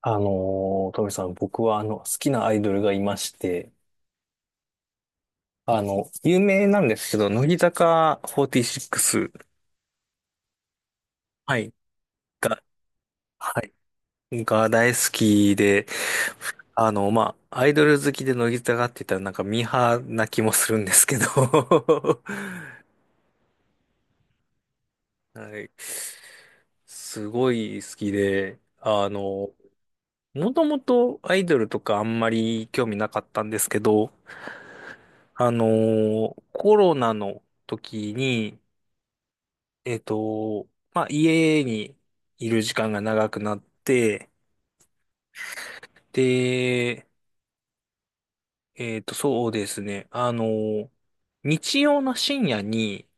あのトミさん、僕は好きなアイドルがいまして、有名なんですけど、乃木坂46、はい、が、はい、が大好きで、アイドル好きで乃木坂って言ったらなんかミーハーな気もするんですけど、はい、すごい好きで、もともとアイドルとかあんまり興味なかったんですけど、コロナの時に、えっと、家にいる時間が長くなって、で、そうですね。日曜の深夜に、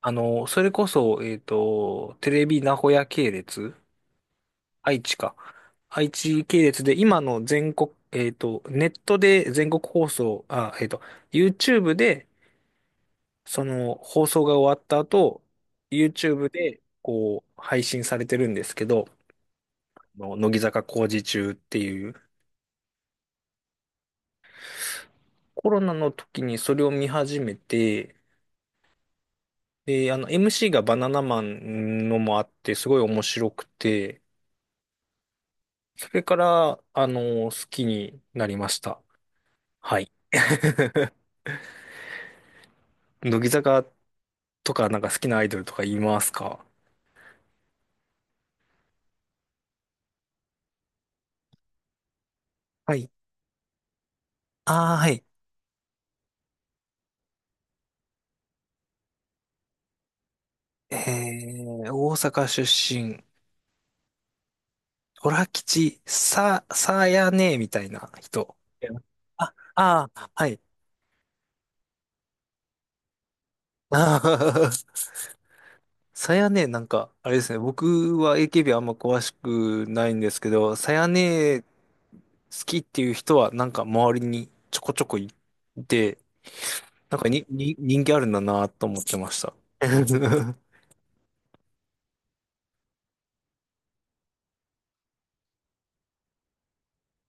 それこそ、テレビ名古屋系列、愛知か。愛知系列で、今の全国、ネットで全国放送、YouTube で、放送が終わった後、YouTube で、配信されてるんですけど、の乃木坂工事中っていうコロナの時にそれを見始めて、で、MC がバナナマンのもあってすごい面白くて、それから好きになりました。はい。乃木坂とかなんか好きなアイドルとか言いますか？はい。ああ、はい。え大阪出身、オラ吉、さやねみたいな人。あ、ああ、はい。さやね、なんか、あれですね、僕は AKB あんま詳しくないんですけど、さやね好きっていう人はなんか周りにちょこちょこいて、なんかに人気あるんだなと思ってました。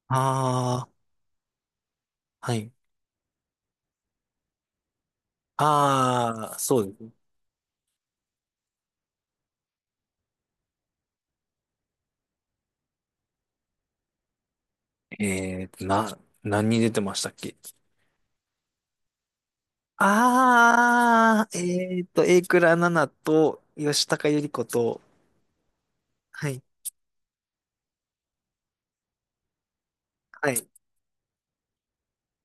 ああ、はい。ああ、そうですね。何に出てましたっけ？榮倉奈々と吉高由里子と、はい、はい。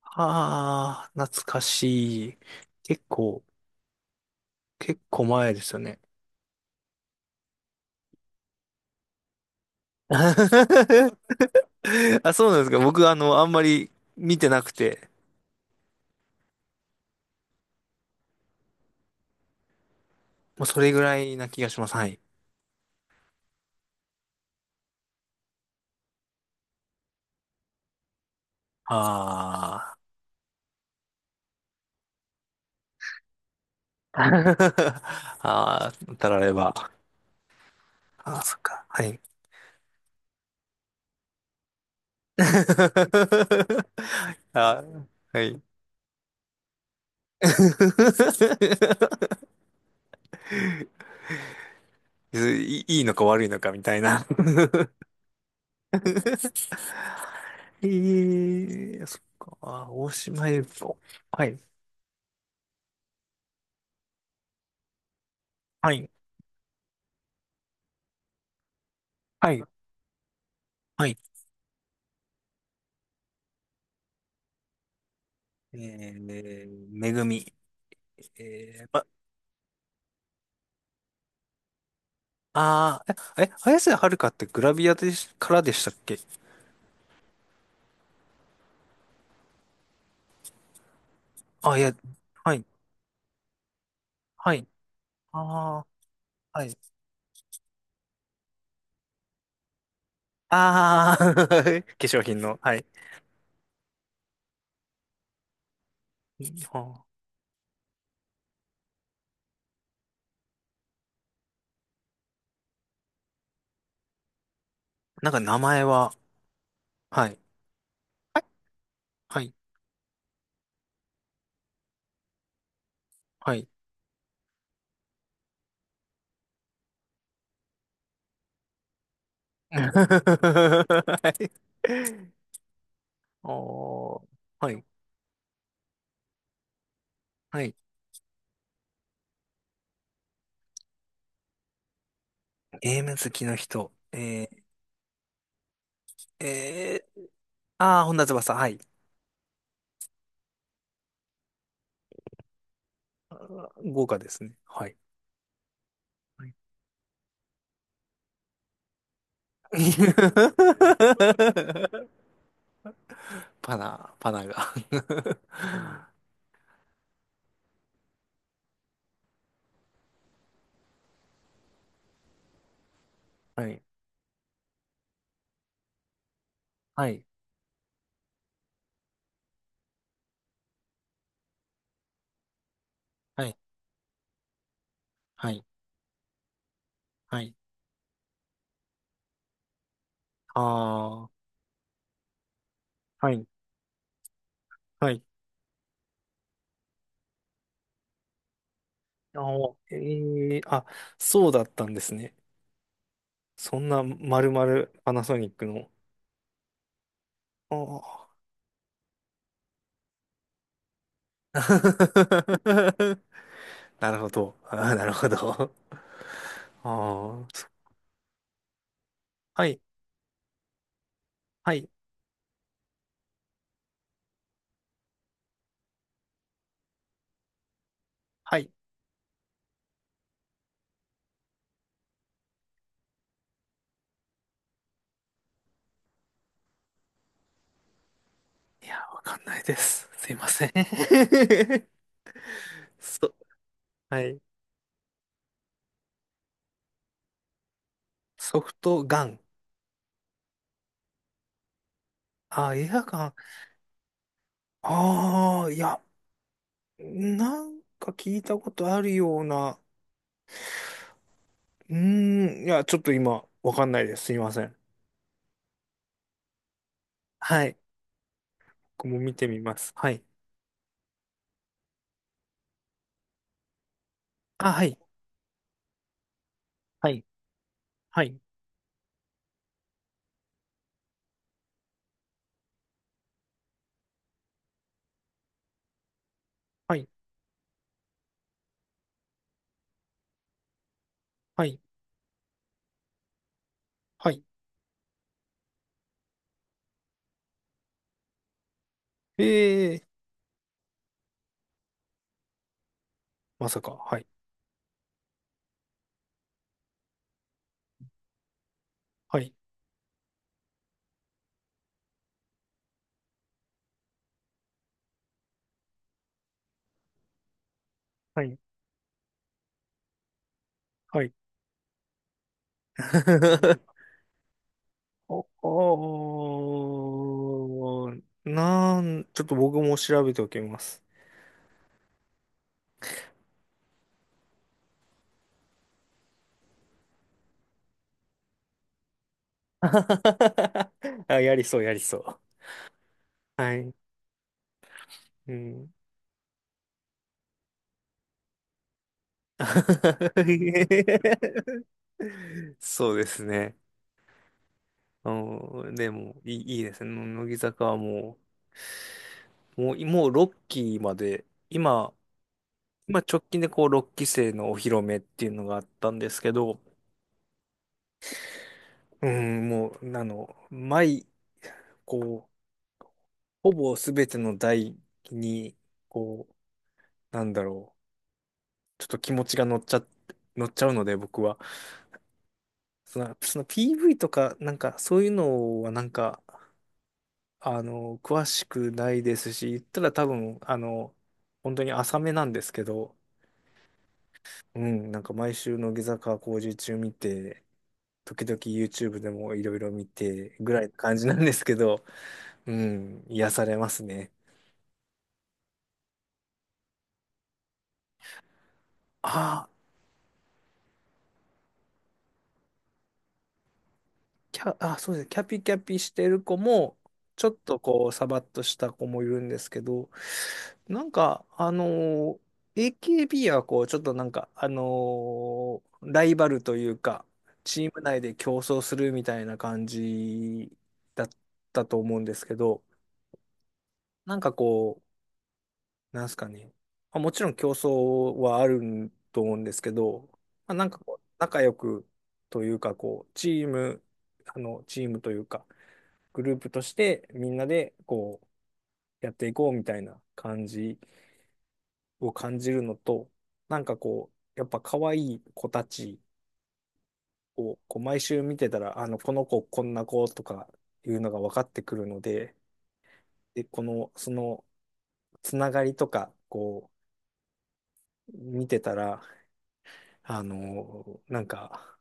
ああ、懐かしい。結構、結構前ですよね。あ、そうなんですか。僕、あんまり見てなくて、もうそれぐらいな気がします。はい。ああ。 ああ、たられば。あ、あそっか。はい。あ、はい。いいいのか悪いのかみたいな。ええ、そっか。あ、大島優子。はい。はい。はい。はい。えめぐみ。えー、ま、あー、綾瀬はるかってグラビアでし、からでしたっけ？あ、いや、はい、はい、ああ、はい。ああ。化粧品の、はい。あ、なんか名前は、はい、はい、はい。はい。 おー、はい、はい。ゲーム好きの人。ー、えー、本田翼、はい。豪華ですね。はい。パナが。 はい、はい、はい、はい、はい。ああ、はい、はい。あー、えー、あ、そうだったんですね。そんな、まるまるパナソニックの。ああ。なるほど。なるほど。ああ、そ、はい、はい、はい。いや、わかんないです。すいません。そ、はい。ソフトガン。あ、映画館。ああ、いや、なんか聞いたことあるような。いや、ちょっと今、わかんないです。すいません。はい。僕も見てみます。はい。あ、はい。はい。はい。はい。はい。はい。ええ、まさか。はい。はい。はい。はい。お、おー、なん、ちょっと僕も調べておきます。あ、やりそう、やりそう。はい。うん。そうですね。うん、でも、いいですね。乃木坂はもう6期まで、今直近でこう6期生のお披露目っていうのがあったんですけど、うん、もう、あの、毎、こう、ほぼ全ての台に、こなんだろう、ちょっと気持ちが乗っちゃうので、僕は。その PV とか、なんか、そういうのは、なんか、詳しくないですし、言ったら多分、本当に浅めなんですけど、うん、なんか毎週の下坂工事中見て、時々 YouTube でもいろいろ見て、ぐらいの感じなんですけど、うん、癒されますね。ああ。あ、そうですね。キャピキャピしてる子も、ちょっとこう、サバッとした子もいるんですけど、なんか、AKB はこう、ちょっとなんか、ライバルというか、チーム内で競争するみたいな感じだったと思うんですけど、なんかこう、なんすかね。まあ、もちろん競争はあると思うんですけど、まあ、なんかこう、仲良くというか、こう、チームというか、グループとしてみんなでこうやっていこうみたいな感じを感じるのと、なんかこう、やっぱ可愛い子たちをこう毎週見てたら、この子こんな子とかいうのが分かってくるので、で、この、そのつながりとか、こう、見てたら、あの、なんか、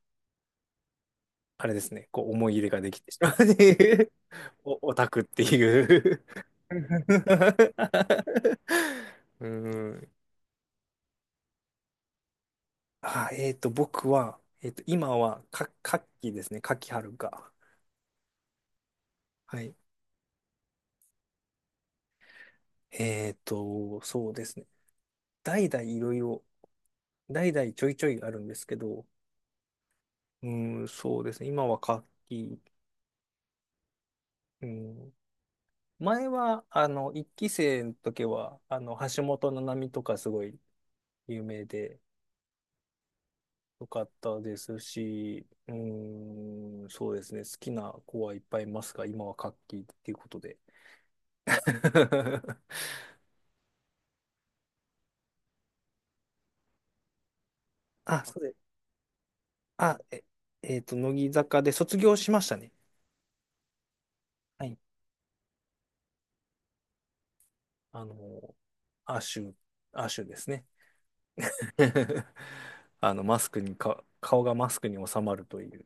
あれですね、こう思い入れができてしまうっていう、 オタクっていう。 うん、あ、僕は、今は、夏季ですね。夏季、春か。はい。そうですね。代々いろいろ、代々ちょいちょいあるんですけど、うん、そうですね。今は夏季、うん。前は、一期生の時は、橋本七海とかすごい有名で、よかったですし、うん、そうですね。好きな子はいっぱいいますが、今は夏季っていうことで。あ、そうです。あ、乃木坂で卒業しましたね。はい。あの、アシュ、アシュですね。マスクにか、顔がマスクに収まるという、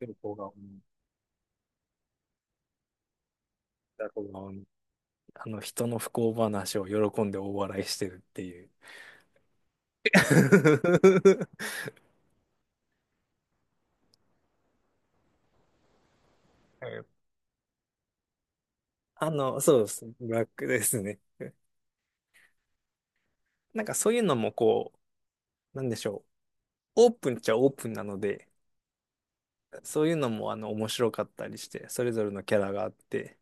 横顔に、横顔に、人の不幸話を喜んで大笑いしてるっていう。そうです。ブラックですね。なんかそういうのもこう、なんでしょう。オープンっちゃオープンなので、そういうのも面白かったりして、それぞれのキャラがあって、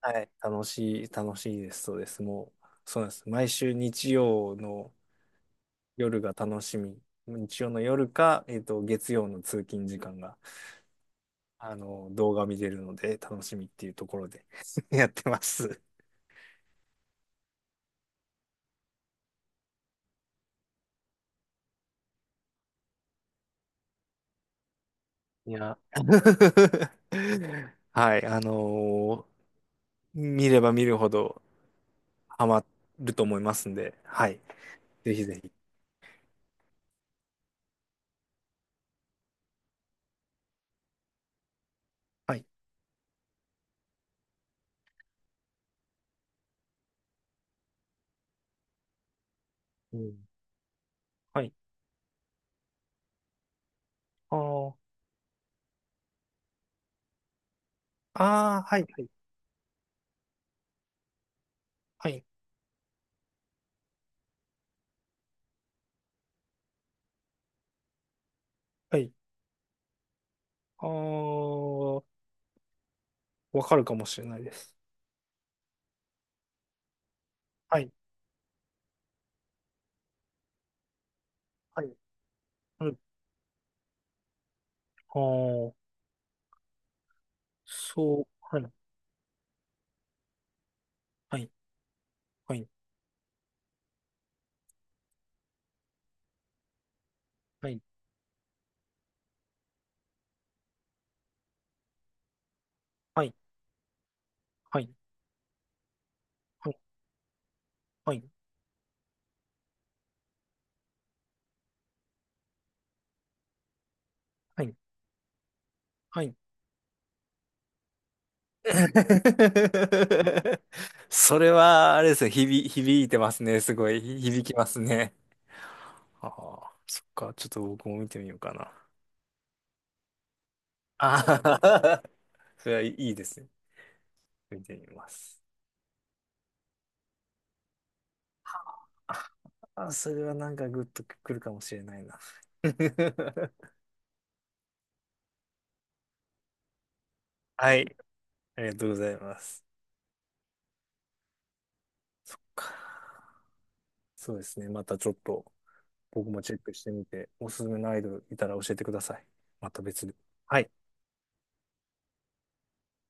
はい、楽しいです、そうです。もう、そうなんです。毎週日曜の夜が楽しみ。日曜の夜か、月曜の通勤時間が、動画見れるので楽しみっていうところで やってます。いや。はい、見れば見るほどハマると思いますんで、はい、ぜひぜひ。はい。うん、はい。あーあー、はい、はい、はい、はい。あーわかるかもしれないです。はい。はい。うん。ああ、そう。はい。はい。はい。はい。はい。はい。はい。はい。はい。それは、あれですね、響いてますね。すごい、響きますね。ああ、そっか。ちょっと僕も見てみようかな。ああ。それはいいですね。見てみます。ああ、それはなんかグッとくるかもしれないな。はい。ありがとうございます。そうですね。またちょっと僕もチェックしてみて、おすすめのアイドルいたら教えてください。また別で。はい。